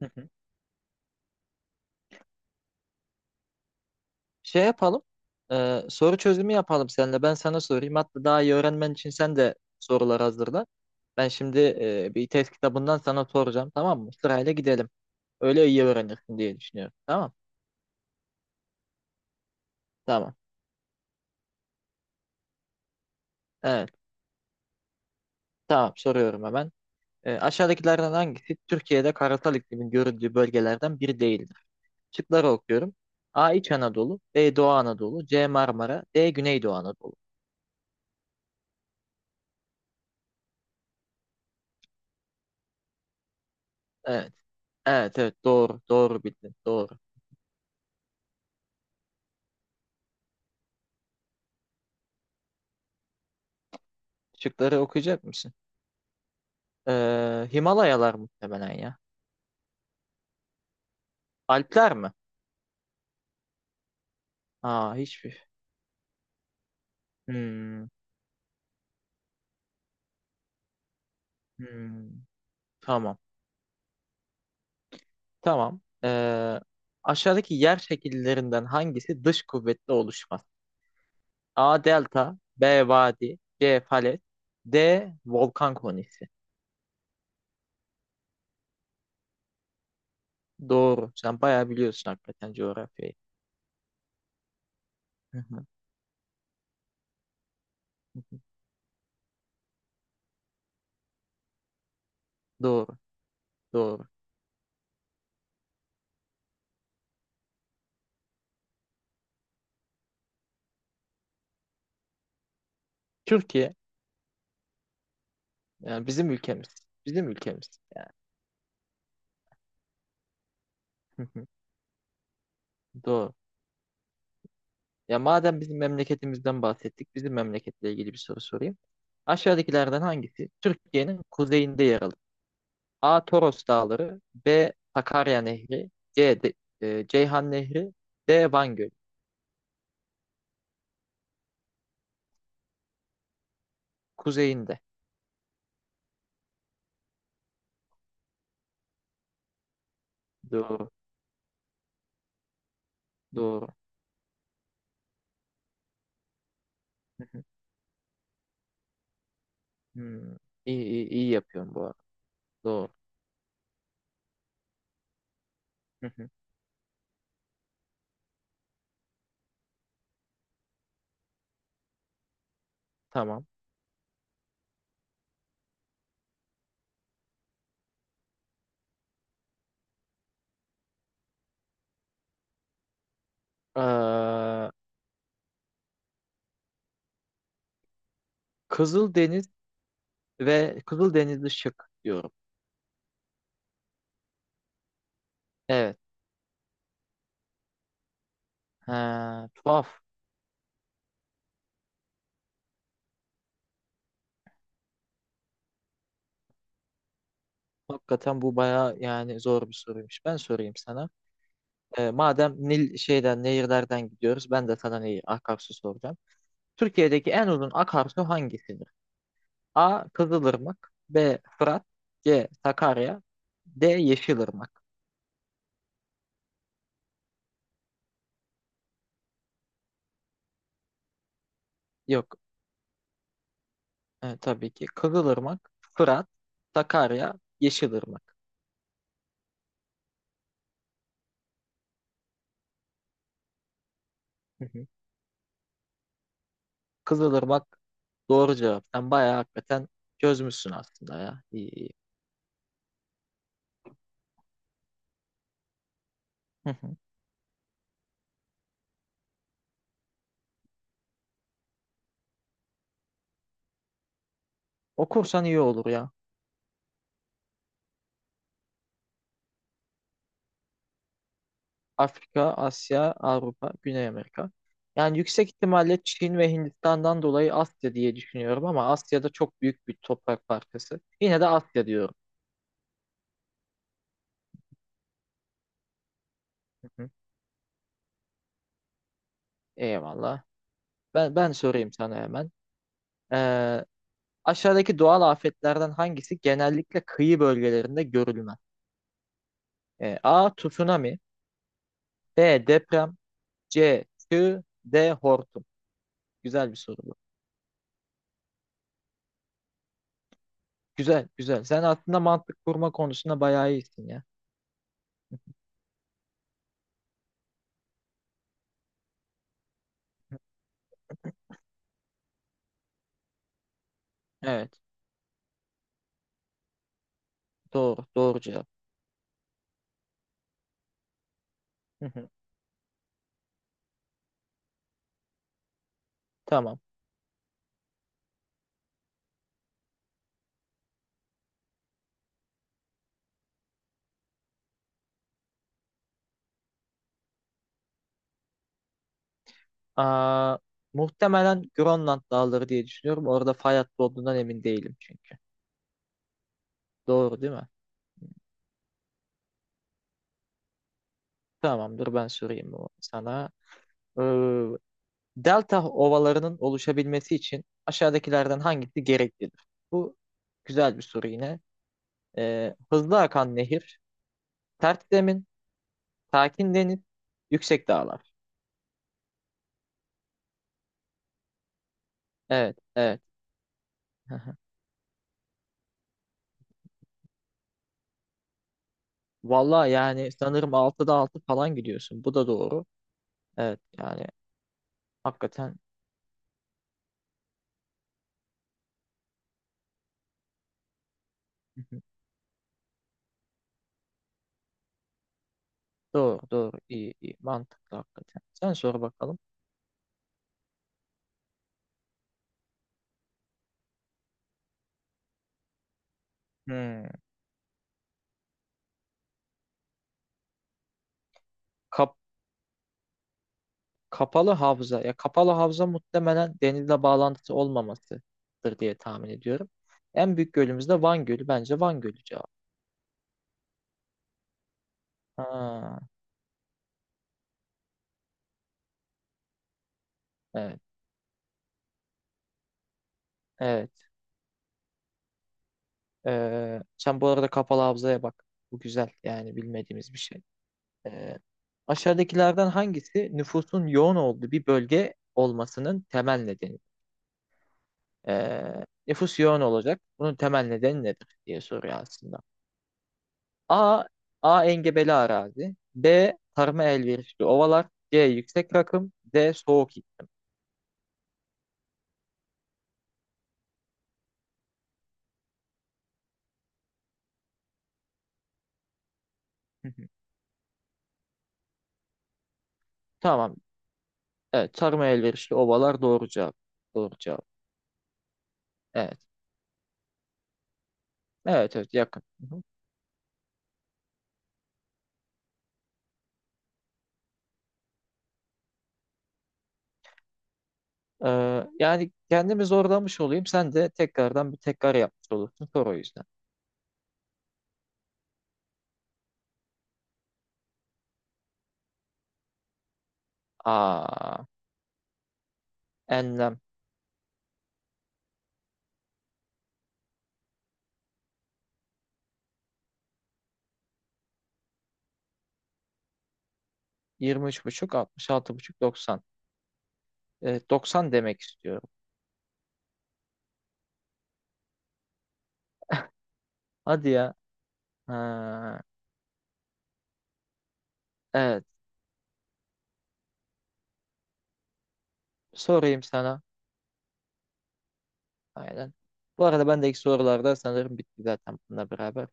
Hı hı. Şey yapalım. Soru çözümü yapalım seninle. Ben sana sorayım. Hatta daha iyi öğrenmen için sen de sorular hazırla. Ben şimdi bir test kitabından sana soracağım. Tamam mı? Sırayla gidelim. Öyle iyi öğrenirsin diye düşünüyorum. Tamam. Tamam. Evet. Tamam. Soruyorum hemen. Aşağıdakilerden hangisi Türkiye'de karasal iklimin görüldüğü bölgelerden biri değildir? Şıkları okuyorum. A. İç Anadolu. B. Doğu Anadolu. C. Marmara. D. Güneydoğu Anadolu. Evet. Evet. Evet. Doğru. Doğru bildin. Doğru. Şıkları okuyacak mısın? Himalayalar muhtemelen ya. Alpler mi? Aa, hiçbir. Hmm. Hmm. Tamam. Tamam. Aşağıdaki yer şekillerinden hangisi dış kuvvetle oluşmaz? A. Delta. B. Vadi. C. Falet. D. Volkan konisi. Doğru. Sen bayağı biliyorsun hakikaten coğrafyayı. Hı hı. Hı hı. Doğru. Doğru. Türkiye. Yani bizim ülkemiz. Bizim ülkemiz. Yani. Hı hı. Doğru. Ya madem bizim memleketimizden bahsettik, bizim memleketle ilgili bir soru sorayım. Aşağıdakilerden hangisi Türkiye'nin kuzeyinde yer alır? A. Toros Dağları, B. Sakarya Nehri, C. Ceyhan Nehri, D. Van Gölü. Kuzeyinde. Doğru, doğru. Hı hı. Hmm. İyi, iyi, iyi yapıyorum bu arada. Doğru. Hı hı. Tamam. Ee, Kızıldeniz ve Kızıldenizli şık diyorum. Evet. Ha, tuhaf. Hakikaten bu baya yani zor bir soruymuş. Ben sorayım sana. Madem Nil şeyden nehirlerden gidiyoruz, ben de sana neyi akarsu soracağım. Türkiye'deki en uzun akarsu hangisidir? A. Kızılırmak, B. Fırat, C. Sakarya, D. Yeşilırmak. Yok, tabii ki. Kızılırmak, Fırat, Sakarya, Yeşilırmak. Hı hı. Kızılırmak doğru cevap. Sen bayağı hakikaten çözmüşsün aslında ya. İyi, iyi. Hı hı. Okursan iyi olur ya. Afrika, Asya, Avrupa, Güney Amerika. Yani yüksek ihtimalle Çin ve Hindistan'dan dolayı Asya diye düşünüyorum, ama Asya'da çok büyük bir toprak parçası. Yine de Asya diyorum. Hı hı. Eyvallah. Ben sorayım sana hemen. Ee, Aşağıdaki doğal afetlerden hangisi genellikle kıyı bölgelerinde görülmez? A. Tsunami, B. Deprem, C. Çığ, D. Hortum. Güzel bir soru bu. Güzel, güzel. Sen aslında mantık kurma konusunda bayağı iyisin ya. Evet, doğru, doğru cevap. Hı hı. Tamam. Aa, muhtemelen Grönland dağları diye düşünüyorum. Orada fay hattı olduğundan emin değilim çünkü. Doğru değil mi? Tamamdır, ben sorayım bunu sana. Ee, Delta ovalarının oluşabilmesi için aşağıdakilerden hangisi gereklidir? Bu güzel bir soru yine. Hızlı akan nehir, tert zemin, sakin deniz, yüksek dağlar. Evet, evet. Hı hı. Vallahi yani sanırım 6'da 6 falan gidiyorsun. Bu da doğru. Evet yani, hakikaten. Doğru, doğru. iyi iyi. Mantıklı hakikaten. Sen sor bakalım. Hmm. Kap Kapalı havza. Ya kapalı havza muhtemelen denizle bağlantısı olmamasıdır diye tahmin ediyorum. En büyük gölümüz de Van Gölü. Bence Van Gölü cevap. Ha, evet. Evet. Sen bu arada kapalı havzaya bak. Bu güzel, yani bilmediğimiz bir şey. Ee, Aşağıdakilerden hangisi nüfusun yoğun olduğu bir bölge olmasının temel nedeni? Nüfus yoğun olacak. Bunun temel nedeni nedir diye soruyor aslında. A. A. Engebeli arazi. B. Tarıma elverişli ovalar. C. Yüksek rakım. D. Soğuk iklim. Hı hı. Tamam. Evet. Tarıma elverişli ovalar doğru cevap. Doğru cevap. Evet. Evet, evet, yakın. Hı hı. Yani kendimi zorlamış olayım. Sen de tekrardan bir tekrar yapmış olursun. Sor o yüzden. Aa, enlem. 23,5, buçuk, 90. Evet, 90 demek istiyorum. Hadi ya. Ha, evet. Sorayım sana. Aynen. Bu arada ben de ilk sorularda sanırım bitti zaten bununla beraber.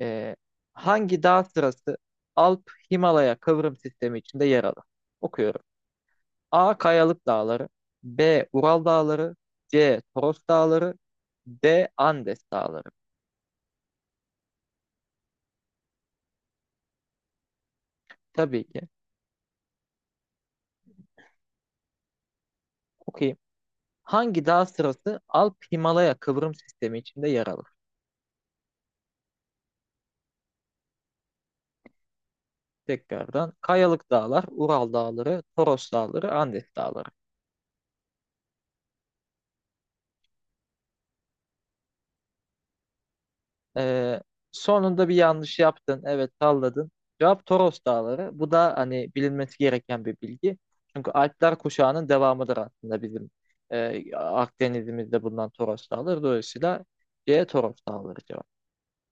Ee, Hangi dağ sırası Alp Himalaya kıvrım sistemi içinde yer alır? Okuyorum. A. Kayalık Dağları, B. Ural Dağları, C. Toros Dağları, D. Andes Dağları. Tabii ki. Okuyayım. Hangi dağ sırası Alp Himalaya kıvrım sistemi içinde yer alır? Tekrardan. Kayalık Dağlar, Ural Dağları, Toros Dağları, Andes Dağları. Ee, Sonunda bir yanlış yaptın. Evet, salladın. Cevap Toros Dağları. Bu da hani bilinmesi gereken bir bilgi. Çünkü Alpler kuşağının devamıdır aslında bizim Akdeniz'imizde bulunan Toros Dağları. Dolayısıyla C Toros Dağları cevap.